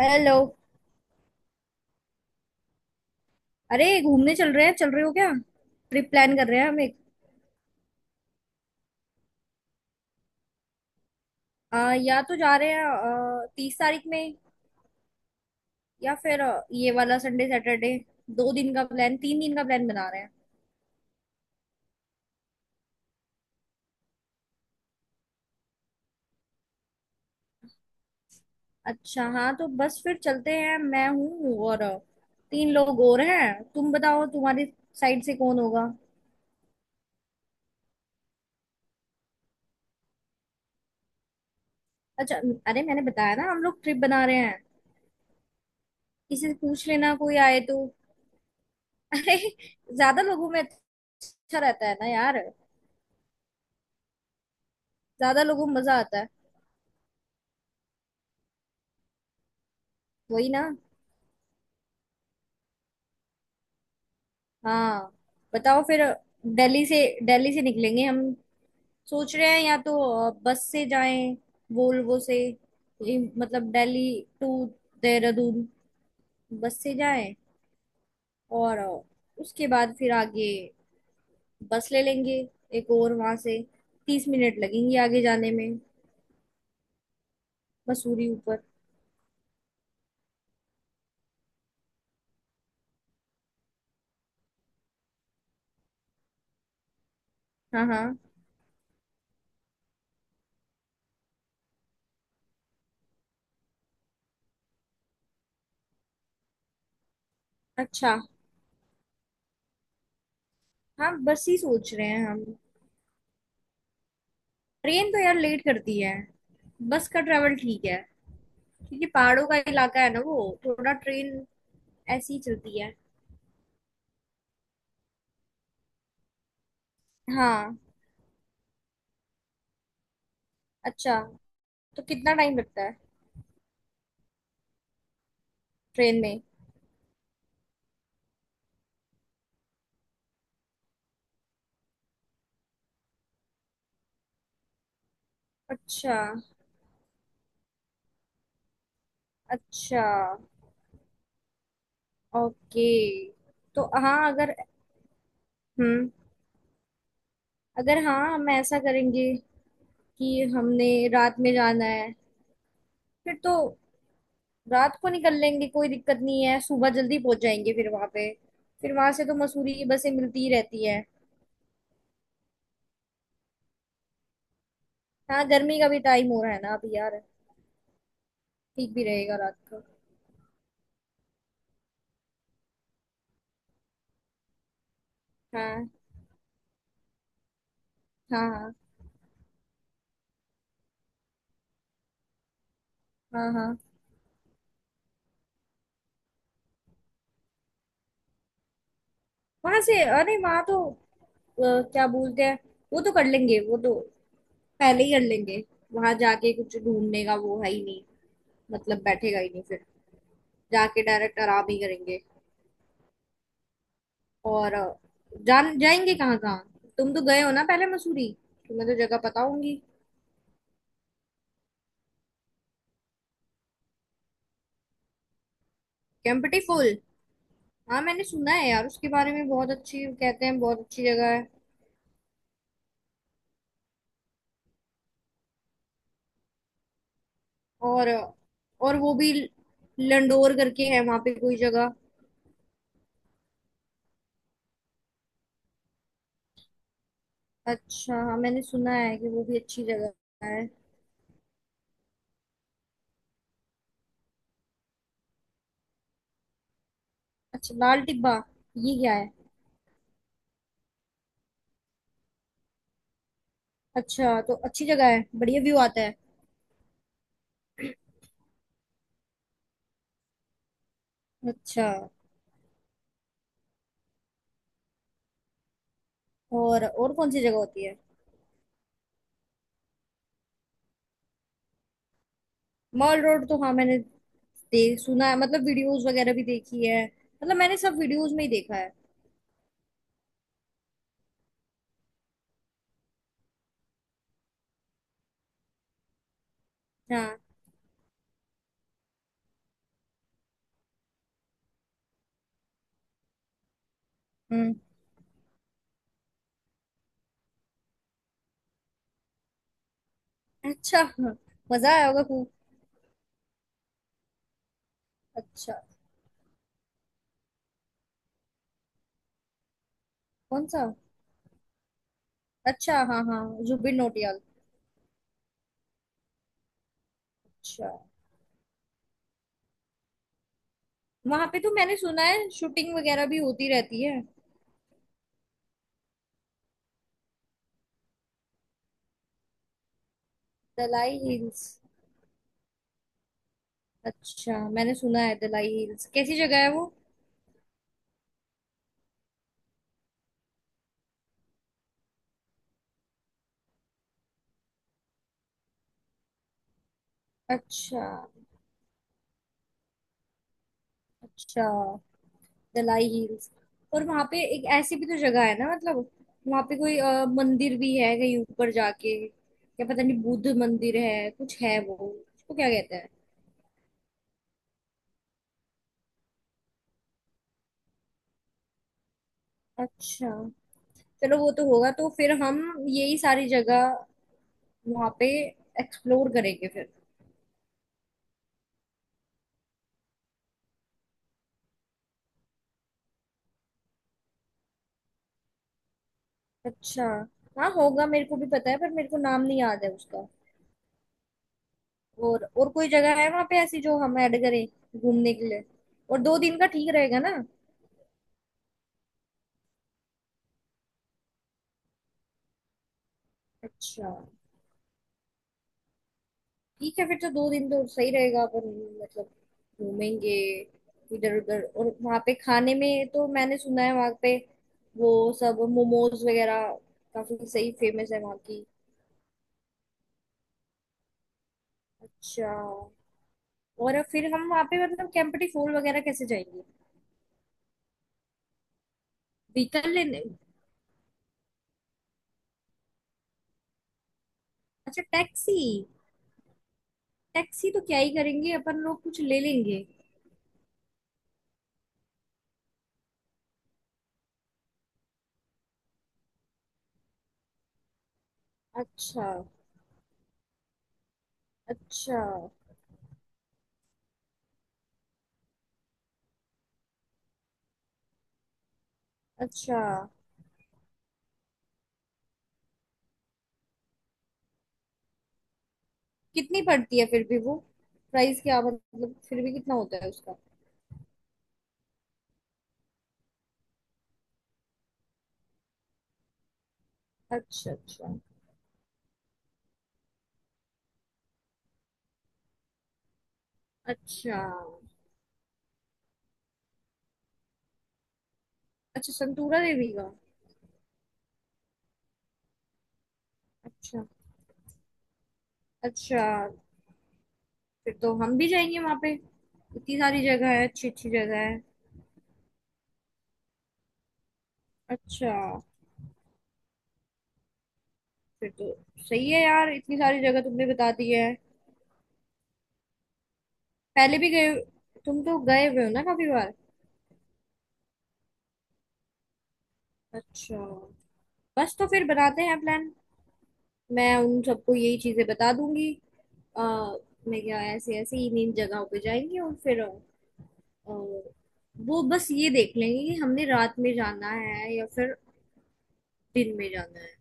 Hello. अरे घूमने चल रहे हो क्या? ट्रिप प्लान कर रहे हैं हम एक। या तो जा रहे हैं 30 तारीख में, या फिर ये वाला संडे सैटरडे। 2 दिन का प्लान, 3 दिन का प्लान बना रहे हैं। अच्छा, हाँ तो बस फिर चलते हैं। मैं हूँ और तीन लोग और हैं। तुम बताओ, तुम्हारी साइड से कौन होगा? अच्छा। अरे मैंने बताया ना, हम लोग ट्रिप बना रहे हैं। किसी से पूछ लेना, कोई आए तो। अरे, ज्यादा लोगों में अच्छा रहता है ना यार। ज्यादा लोगों में मजा आता है। वही ना। हाँ, बताओ फिर। दिल्ली से दिल्ली से निकलेंगे हम। सोच रहे हैं, या तो बस से जाएं, वोल्वो से। ये मतलब दिल्ली टू देहरादून बस से जाएं, और उसके बाद फिर आगे बस ले लेंगे एक और वहां से। 30 मिनट लगेंगे आगे जाने में, मसूरी ऊपर। हाँ, हाँ। अच्छा, हाँ बस ही सोच रहे हैं हम। ट्रेन तो यार लेट करती है। बस का ट्रेवल ठीक है, क्योंकि पहाड़ों का इलाका है ना वो, थोड़ा ट्रेन ऐसी ही चलती है। हाँ। अच्छा, तो कितना टाइम लगता है ट्रेन में? अच्छा। अच्छा। ओके। तो हाँ, अगर हम्म अगर हाँ, हम ऐसा करेंगे कि हमने रात में जाना है, फिर तो रात को निकल लेंगे। कोई दिक्कत नहीं है, सुबह जल्दी पहुंच जाएंगे फिर वहां पे। फिर वहां से तो मसूरी की बसें मिलती ही रहती है। हाँ, गर्मी का भी टाइम हो रहा है ना अभी यार, ठीक भी रहेगा रात को। हाँ, हाँ, हाँ, हाँ, हाँ। वहां से, अरे वहां तो क्या बोलते हैं, वो तो कर लेंगे। वो तो पहले ही कर लेंगे। वहां जाके कुछ ढूंढने का वो है ही नहीं, मतलब बैठेगा ही नहीं फिर। जाके डायरेक्ट आराम ही करेंगे, और जान जाएंगे कहाँ कहाँ। तुम तो गए हो ना पहले मसूरी, तुम्हें तो जगह पता होंगी। केम्प्टी फॉल। हाँ, मैंने सुना है यार उसके बारे में, बहुत अच्छी कहते हैं, बहुत अच्छी जगह है। और अ, और वो भी लंडोर करके है वहां पे कोई जगह। अच्छा, हाँ मैंने सुना है कि वो भी अच्छी जगह है। अच्छा, लाल टिब्बा, ये क्या है? अच्छा, तो अच्छी जगह है, बढ़िया व्यू आता है। अच्छा। और कौन सी जगह होती है? मॉल रोड, तो हाँ मैंने देख सुना है, मतलब वीडियोस वगैरह भी देखी है, मतलब मैंने सब वीडियोस में ही देखा है। हाँ। हम्म। अच्छा, हाँ, मजा आया होगा खूब। अच्छा, कौन सा? अच्छा, हाँ, हाँ, जुबिन नौटियाल। अच्छा, वहां पे तो मैंने सुना है शूटिंग वगैरह भी होती रहती है। दलाई हिल्स? अच्छा, मैंने सुना है दलाई हिल्स, कैसी जगह है वो? अच्छा। अच्छा। दलाई हिल्स। और वहां पे एक ऐसी भी तो जगह है ना, मतलब वहां पे कोई मंदिर भी है कहीं ऊपर जाके, या पता नहीं बुद्ध मंदिर है, कुछ है वो, उसको क्या कहते हैं? अच्छा, चलो वो तो होगा, तो फिर हम यही सारी जगह वहां पे एक्सप्लोर करेंगे फिर। अच्छा, हाँ होगा, मेरे को भी पता है, पर मेरे को नाम नहीं याद है उसका। और कोई जगह है वहां पे ऐसी जो हम ऐड करें घूमने के लिए? और 2 दिन का ठीक रहेगा ना? अच्छा, ठीक है फिर तो, 2 दिन तो सही रहेगा अपन। मतलब घूमेंगे इधर उधर। और वहाँ पे खाने में तो मैंने सुना है, वहाँ पे वो सब मोमोज वगैरह काफी सही फेमस है वहाँ की। अच्छा, और फिर हम वहाँ पे मतलब कैंपटी फोल वगैरह कैसे जाएंगे, व्हीकल लेने? अच्छा, टैक्सी। टैक्सी तो क्या ही करेंगे अपन लोग, कुछ ले लेंगे। अच्छा। अच्छा। अच्छा, कितनी पड़ती है फिर भी वो, प्राइस क्या, मतलब फिर भी कितना होता है उसका? अच्छा। अच्छा। अच्छा। अच्छा, संतूरा देवी का? अच्छा। अच्छा, फिर तो हम भी जाएंगे वहां पे, इतनी सारी जगह है, अच्छी अच्छी जगह है। अच्छा। फिर तो सही है यार, इतनी सारी जगह तुमने बता दी है। पहले भी गए, तुम तो गए हुए हो ना काफी बार। अच्छा। बस तो फिर बनाते हैं प्लान। मैं उन सबको यही चीजें बता दूंगी, आ, मैं क्या, ऐसे ऐसे इन इन जगहों पे जाएंगे। और फिर वो बस ये देख लेंगे कि हमने रात में जाना है या फिर दिन में जाना है।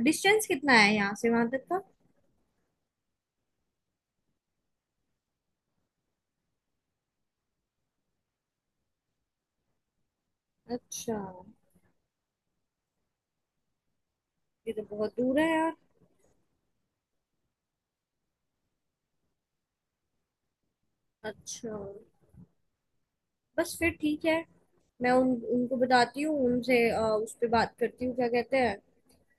डिस्टेंस कितना है यहाँ से वहां तक का? अच्छा, ये तो बहुत दूर है यार। अच्छा, बस फिर ठीक है। मैं उन उनको बताती हूँ, उनसे उस पे बात करती हूँ, क्या कहते हैं,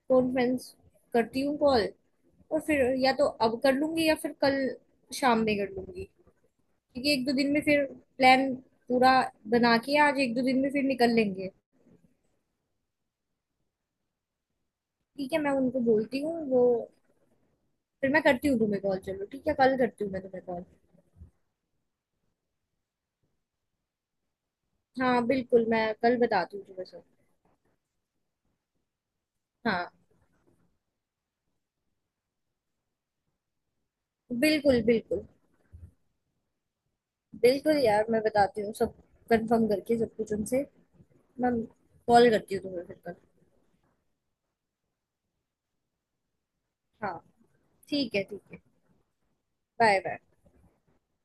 कॉन्फ्रेंस करती हूँ कॉल। और फिर या तो अब कर लूंगी या फिर कल शाम में कर लूंगी। क्योंकि एक दो दिन में फिर प्लान पूरा बना के, आज एक दो दिन में फिर निकल लेंगे। ठीक है, मैं उनको बोलती हूँ वो, फिर मैं करती हूँ तुम्हें कॉल। चलो ठीक है, कल करती हूँ मैं तुम्हें कॉल। हाँ, बिल्कुल, मैं कल बताती हूँ तुम्हें सब। हाँ। बिल्कुल, बिल्कुल। बिल्कुल यार, मैं बताती हूँ सब कंफर्म करके सब कुछ उनसे। मैं कॉल करती हूँ तुम्हें फिर कल। हाँ, ठीक है, ठीक है। बाय। बाय।